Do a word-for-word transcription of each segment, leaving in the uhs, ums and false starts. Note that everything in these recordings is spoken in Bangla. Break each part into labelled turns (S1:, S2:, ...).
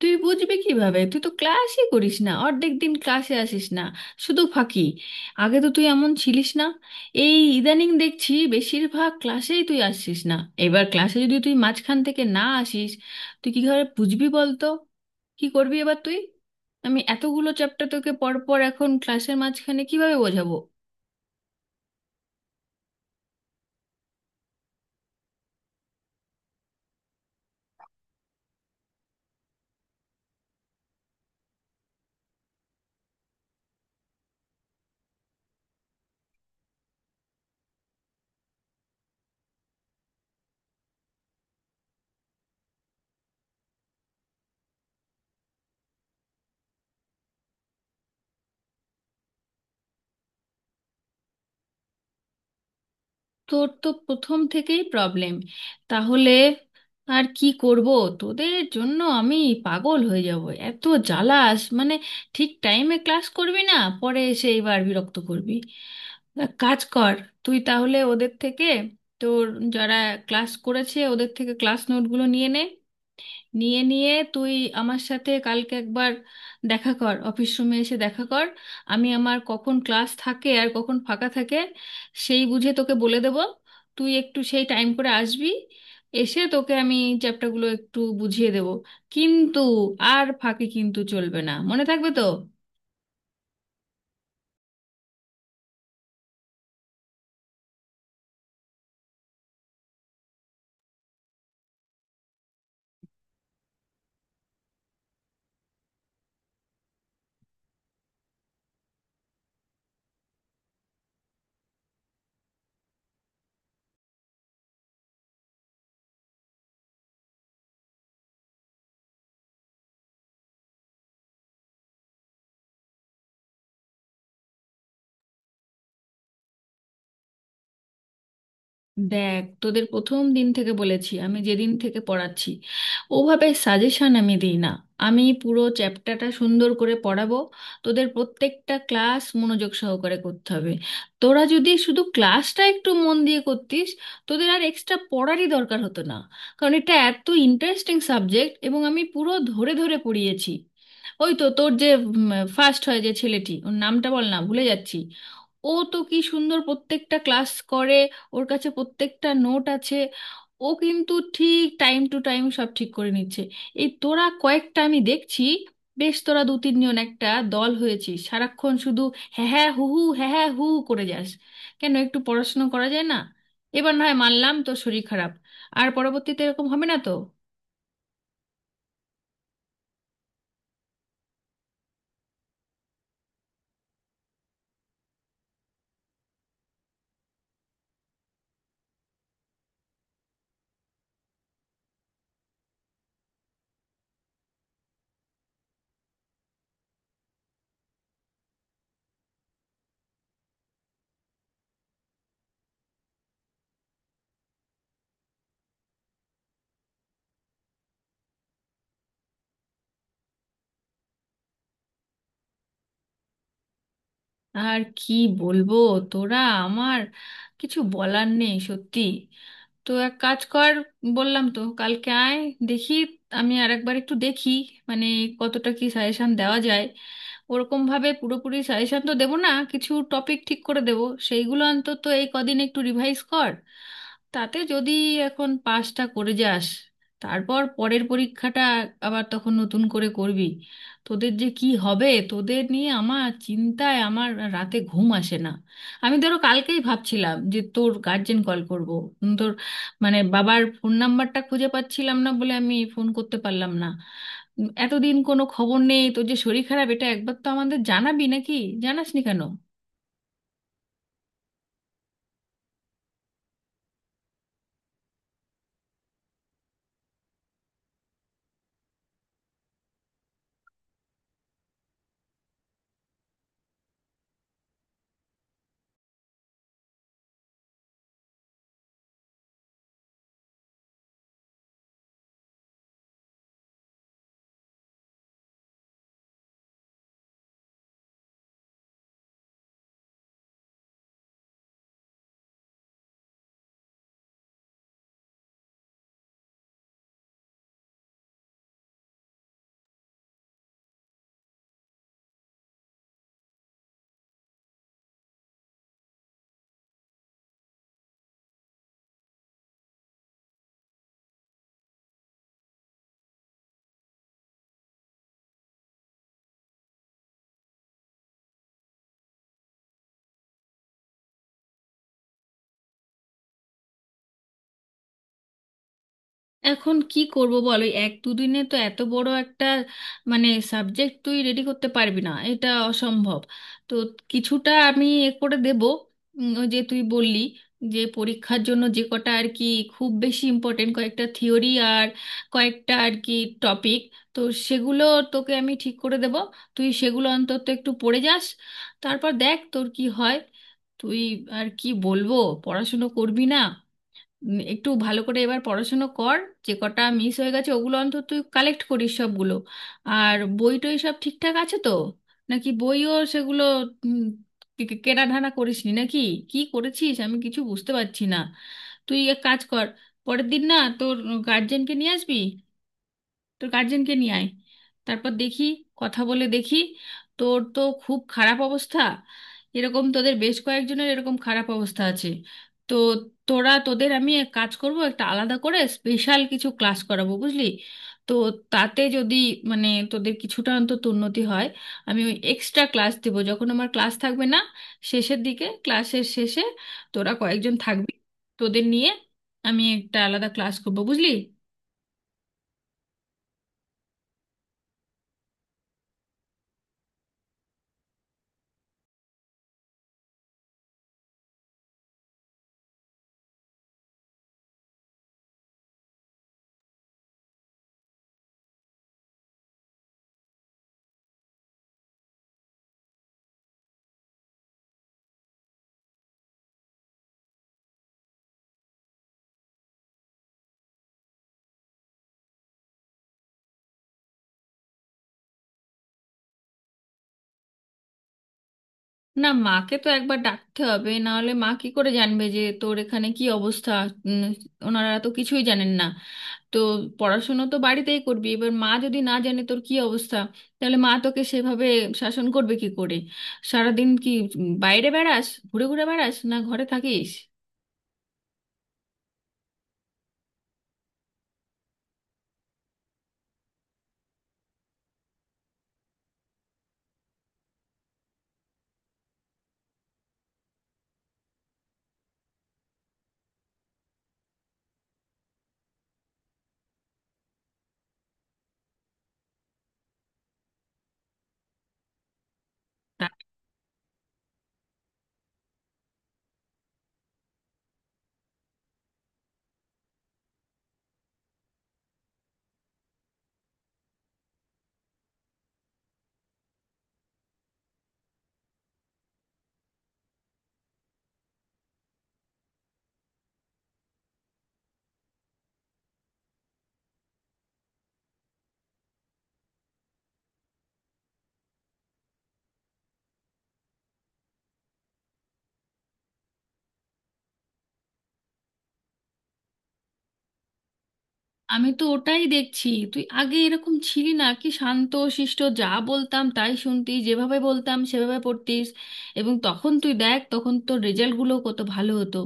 S1: তুই বুঝবি কিভাবে? তুই তো ক্লাসই করিস না, অর্ধেক দিন ক্লাসে আসিস না, শুধু ফাঁকি। আগে তো তুই এমন ছিলিস না, এই ইদানিং দেখছি বেশিরভাগ ক্লাসেই তুই আসছিস না। এবার ক্লাসে যদি তুই মাঝখান থেকে না আসিস, তুই কি করে বুঝবি বলতো? কি করবি এবার তুই? আমি এতগুলো চ্যাপ্টার তোকে পরপর এখন ক্লাসের মাঝখানে কিভাবে বোঝাবো? তোর তো প্রথম থেকেই প্রবলেম, তাহলে আর কি করব? তোদের জন্য আমি পাগল হয়ে যাব। এত জ্বালাস মানে! ঠিক টাইমে ক্লাস করবি না, পরে এসে এবার বিরক্ত করবি। এক কাজ কর, তুই তাহলে ওদের থেকে, তোর যারা ক্লাস করেছে ওদের থেকে ক্লাস নোটগুলো নিয়ে নে। নিয়ে নিয়ে তুই আমার সাথে কালকে একবার দেখা কর, অফিস রুমে এসে দেখা কর। আমি আমার কখন ক্লাস থাকে আর কখন ফাঁকা থাকে সেই বুঝে তোকে বলে দেব। তুই একটু সেই টাইম করে আসবি, এসে তোকে আমি চ্যাপ্টারগুলো একটু বুঝিয়ে দেব। কিন্তু আর ফাঁকি কিন্তু চলবে না, মনে থাকবে তো? দেখ, তোদের প্রথম দিন থেকে বলেছি, আমি যেদিন থেকে পড়াচ্ছি ওভাবে সাজেশন আমি দিই না। আমি পুরো চ্যাপ্টারটা সুন্দর করে পড়াবো, তোদের প্রত্যেকটা ক্লাস মনোযোগ সহকারে করতে হবে। তোরা যদি শুধু ক্লাসটা একটু মন দিয়ে করতিস, তোদের আর এক্সট্রা পড়ারই দরকার হতো না। কারণ এটা এত ইন্টারেস্টিং সাবজেক্ট, এবং আমি পুরো ধরে ধরে পড়িয়েছি। ওই তো তোর যে ফার্স্ট হয় যে ছেলেটি, ওর নামটা বল না, ভুলে যাচ্ছি। ও তো কি সুন্দর প্রত্যেকটা ক্লাস করে, ওর কাছে প্রত্যেকটা নোট আছে। ও কিন্তু ঠিক টাইম টু টাইম সব ঠিক করে নিচ্ছে। এই তোরা কয়েকটা আমি দেখছি, বেশ তোরা দু তিনজন একটা দল হয়েছিস, সারাক্ষণ শুধু হ্যাঁ হ্যাঁ হু হু হ্যাঁ হ্যাঁ হু হু করে যাস। কেন একটু পড়াশোনা করা যায় না? এবার না হয় মানলাম তোর শরীর খারাপ, আর পরবর্তীতে এরকম হবে না তো? আর কি বলবো তোরা, আমার কিছু বলার নেই সত্যি। তো এক কাজ কর, বললাম তো কালকে আয়। দেখি, আমি আর একবার একটু দেখি মানে কতটা কি সাজেশন দেওয়া যায়। ওরকম ভাবে পুরোপুরি সাজেশন তো দেবো না, কিছু টপিক ঠিক করে দেবো। সেইগুলো অন্তত এই কদিন একটু রিভাইজ কর। তাতে যদি এখন পাসটা করে যাস, তারপর পরের পরীক্ষাটা আবার তখন নতুন করে করবি। তোদের যে কি হবে, তোদের নিয়ে আমার চিন্তায় আমার রাতে ঘুম আসে না। আমি ধরো কালকেই ভাবছিলাম যে তোর গার্জেন কল করব। উম, তোর মানে বাবার ফোন নাম্বারটা খুঁজে পাচ্ছিলাম না বলে আমি ফোন করতে পারলাম না। উম, এতদিন কোনো খবর নেই, তোর যে শরীর খারাপ এটা একবার তো আমাদের জানাবি নাকি? জানাসনি কেন? এখন কি করব বলো, এই এক দুদিনে তো এত বড় একটা মানে সাবজেক্ট তুই রেডি করতে পারবি না, এটা অসম্ভব। তো কিছুটা আমি এ করে দেব। উম, ওই যে তুই বললি যে পরীক্ষার জন্য যে কটা আর কি খুব বেশি ইম্পর্টেন্ট কয়েকটা থিওরি আর কয়েকটা আর কি টপিক, তো সেগুলো তোকে আমি ঠিক করে দেব। তুই সেগুলো অন্তত একটু পড়ে যাস, তারপর দেখ তোর কি হয়। তুই আর কি বলবো, পড়াশুনো করবি না? উম, একটু ভালো করে এবার পড়াশুনো কর। যে কটা মিস হয়ে গেছে, ওগুলো অন্তত তুই কালেক্ট করিস সবগুলো। আর বই টই সব ঠিকঠাক আছে তো? নাকি বইও সেগুলো উম, কে- কে- কেনাঢানা করিসনি নাকি? কি করেছিস আমি কিছু বুঝতে পারছি না। তুই এক কাজ কর, পরের দিন না তোর গার্জেনকে নিয়ে আসবি। তোর গার্জেনকে নিয়ে আয়, তারপর দেখি, কথা বলে দেখি। তোর তো খুব খারাপ অবস্থা, এরকম তোদের বেশ কয়েকজনের এরকম খারাপ অবস্থা আছে। তো তোরা, তোদের আমি এক কাজ করব, একটা আলাদা করে স্পেশাল কিছু ক্লাস করাবো, বুঝলি? তো তাতে যদি মানে তোদের কিছুটা অন্তত উন্নতি হয়। আমি ওই এক্সট্রা ক্লাস দেব যখন আমার ক্লাস থাকবে না, শেষের দিকে, ক্লাসের শেষে তোরা কয়েকজন থাকবি, তোদের নিয়ে আমি একটা আলাদা ক্লাস করবো, বুঝলি? না, মাকে তো একবার ডাকতে হবে, না হলে মা কি করে জানবে যে তোর এখানে কি অবস্থা? উম, ওনারা তো কিছুই জানেন না। তো পড়াশুনো তো বাড়িতেই করবি, এবার মা যদি না জানে তোর কি অবস্থা, তাহলে মা তোকে সেভাবে শাসন করবে কি করে? সারাদিন কি উম, বাইরে বেড়াস, ঘুরে ঘুরে বেড়াস, না ঘরে থাকিস? আমি তো ওটাই দেখছি, তুই আগে এরকম ছিলি না, কি শান্ত শিষ্ট, যা বলতাম তাই শুনতি, যেভাবে বলতাম সেভাবে পড়তিস। এবং তখন তুই দেখ তখন তোর রেজাল্টগুলো কত ভালো হতো।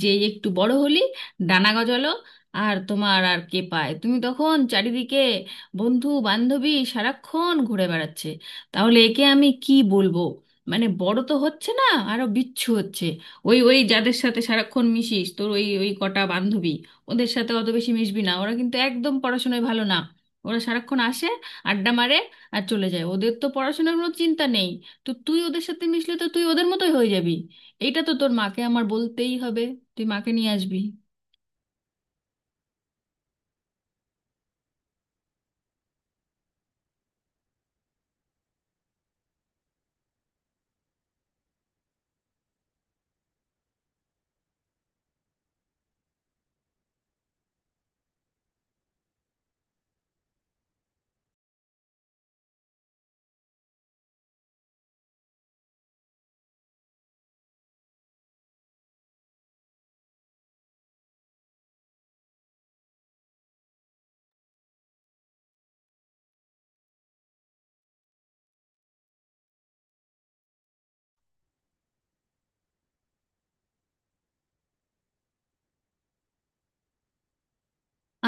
S1: যে একটু বড় হলি, ডানা গজালো, আর তোমার আর কে পায়, তুমি তখন চারিদিকে বন্ধু বান্ধবী সারাক্ষণ ঘুরে বেড়াচ্ছে। তাহলে একে আমি কি বলবো? মানে বড় তো হচ্ছে না, আরো বিচ্ছু হচ্ছে। ওই ওই যাদের সাথে সারাক্ষণ মিশিস, তোর ওই ওই কটা বান্ধবী, ওদের সাথে অত বেশি মিশবি না, ওরা কিন্তু একদম পড়াশোনায় ভালো না। ওরা সারাক্ষণ আসে, আড্ডা মারে আর চলে যায়, ওদের তো পড়াশোনার কোনো চিন্তা নেই। তো তুই ওদের সাথে মিশলে তো তুই ওদের মতোই হয়ে যাবি। এইটা তো তোর মাকে আমার বলতেই হবে, তুই মাকে নিয়ে আসবি।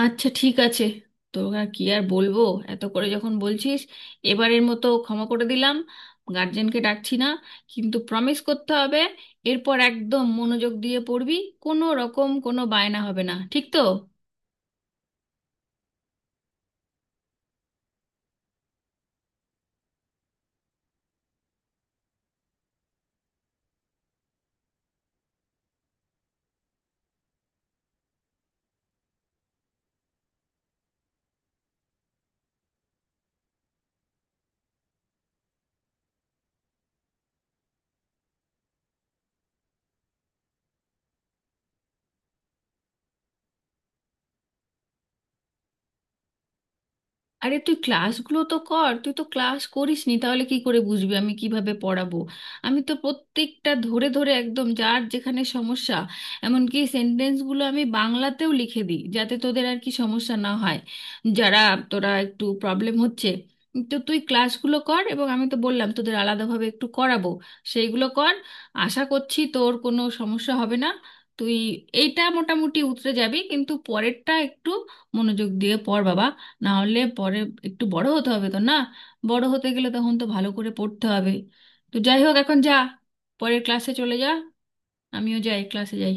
S1: আচ্ছা, ঠিক আছে। তোর আর কি আর বলবো, এত করে যখন বলছিস, এবারের মতো ক্ষমা করে দিলাম, গার্জেনকে ডাকছি না। কিন্তু প্রমিস করতে হবে, এরপর একদম মনোযোগ দিয়ে পড়বি, কোনো রকম কোনো বায়না হবে না, ঠিক তো? আরে তুই ক্লাসগুলো তো কর, তুই তো ক্লাস করিস নি, তাহলে কি করে বুঝবি আমি কিভাবে পড়াবো? আমি তো প্রত্যেকটা ধরে ধরে একদম যার যেখানে সমস্যা, এমনকি সেন্টেন্সগুলো আমি বাংলাতেও লিখে দিই যাতে তোদের আর কি সমস্যা না হয়, যারা তোরা একটু প্রবলেম হচ্ছে। তো তুই ক্লাসগুলো কর, এবং আমি তো বললাম তোদের আলাদাভাবে একটু করাবো, সেইগুলো কর। আশা করছি তোর কোনো সমস্যা হবে না, তুই এইটা মোটামুটি উতরে যাবি। কিন্তু পরেরটা একটু মনোযোগ দিয়ে পড় বাবা, না হলে পরে একটু বড় হতে হবে তো না? বড় হতে গেলে তখন তো ভালো করে পড়তে হবে। তো যাই হোক, এখন যা, পরের ক্লাসে চলে যা, আমিও যাই, ক্লাসে যাই।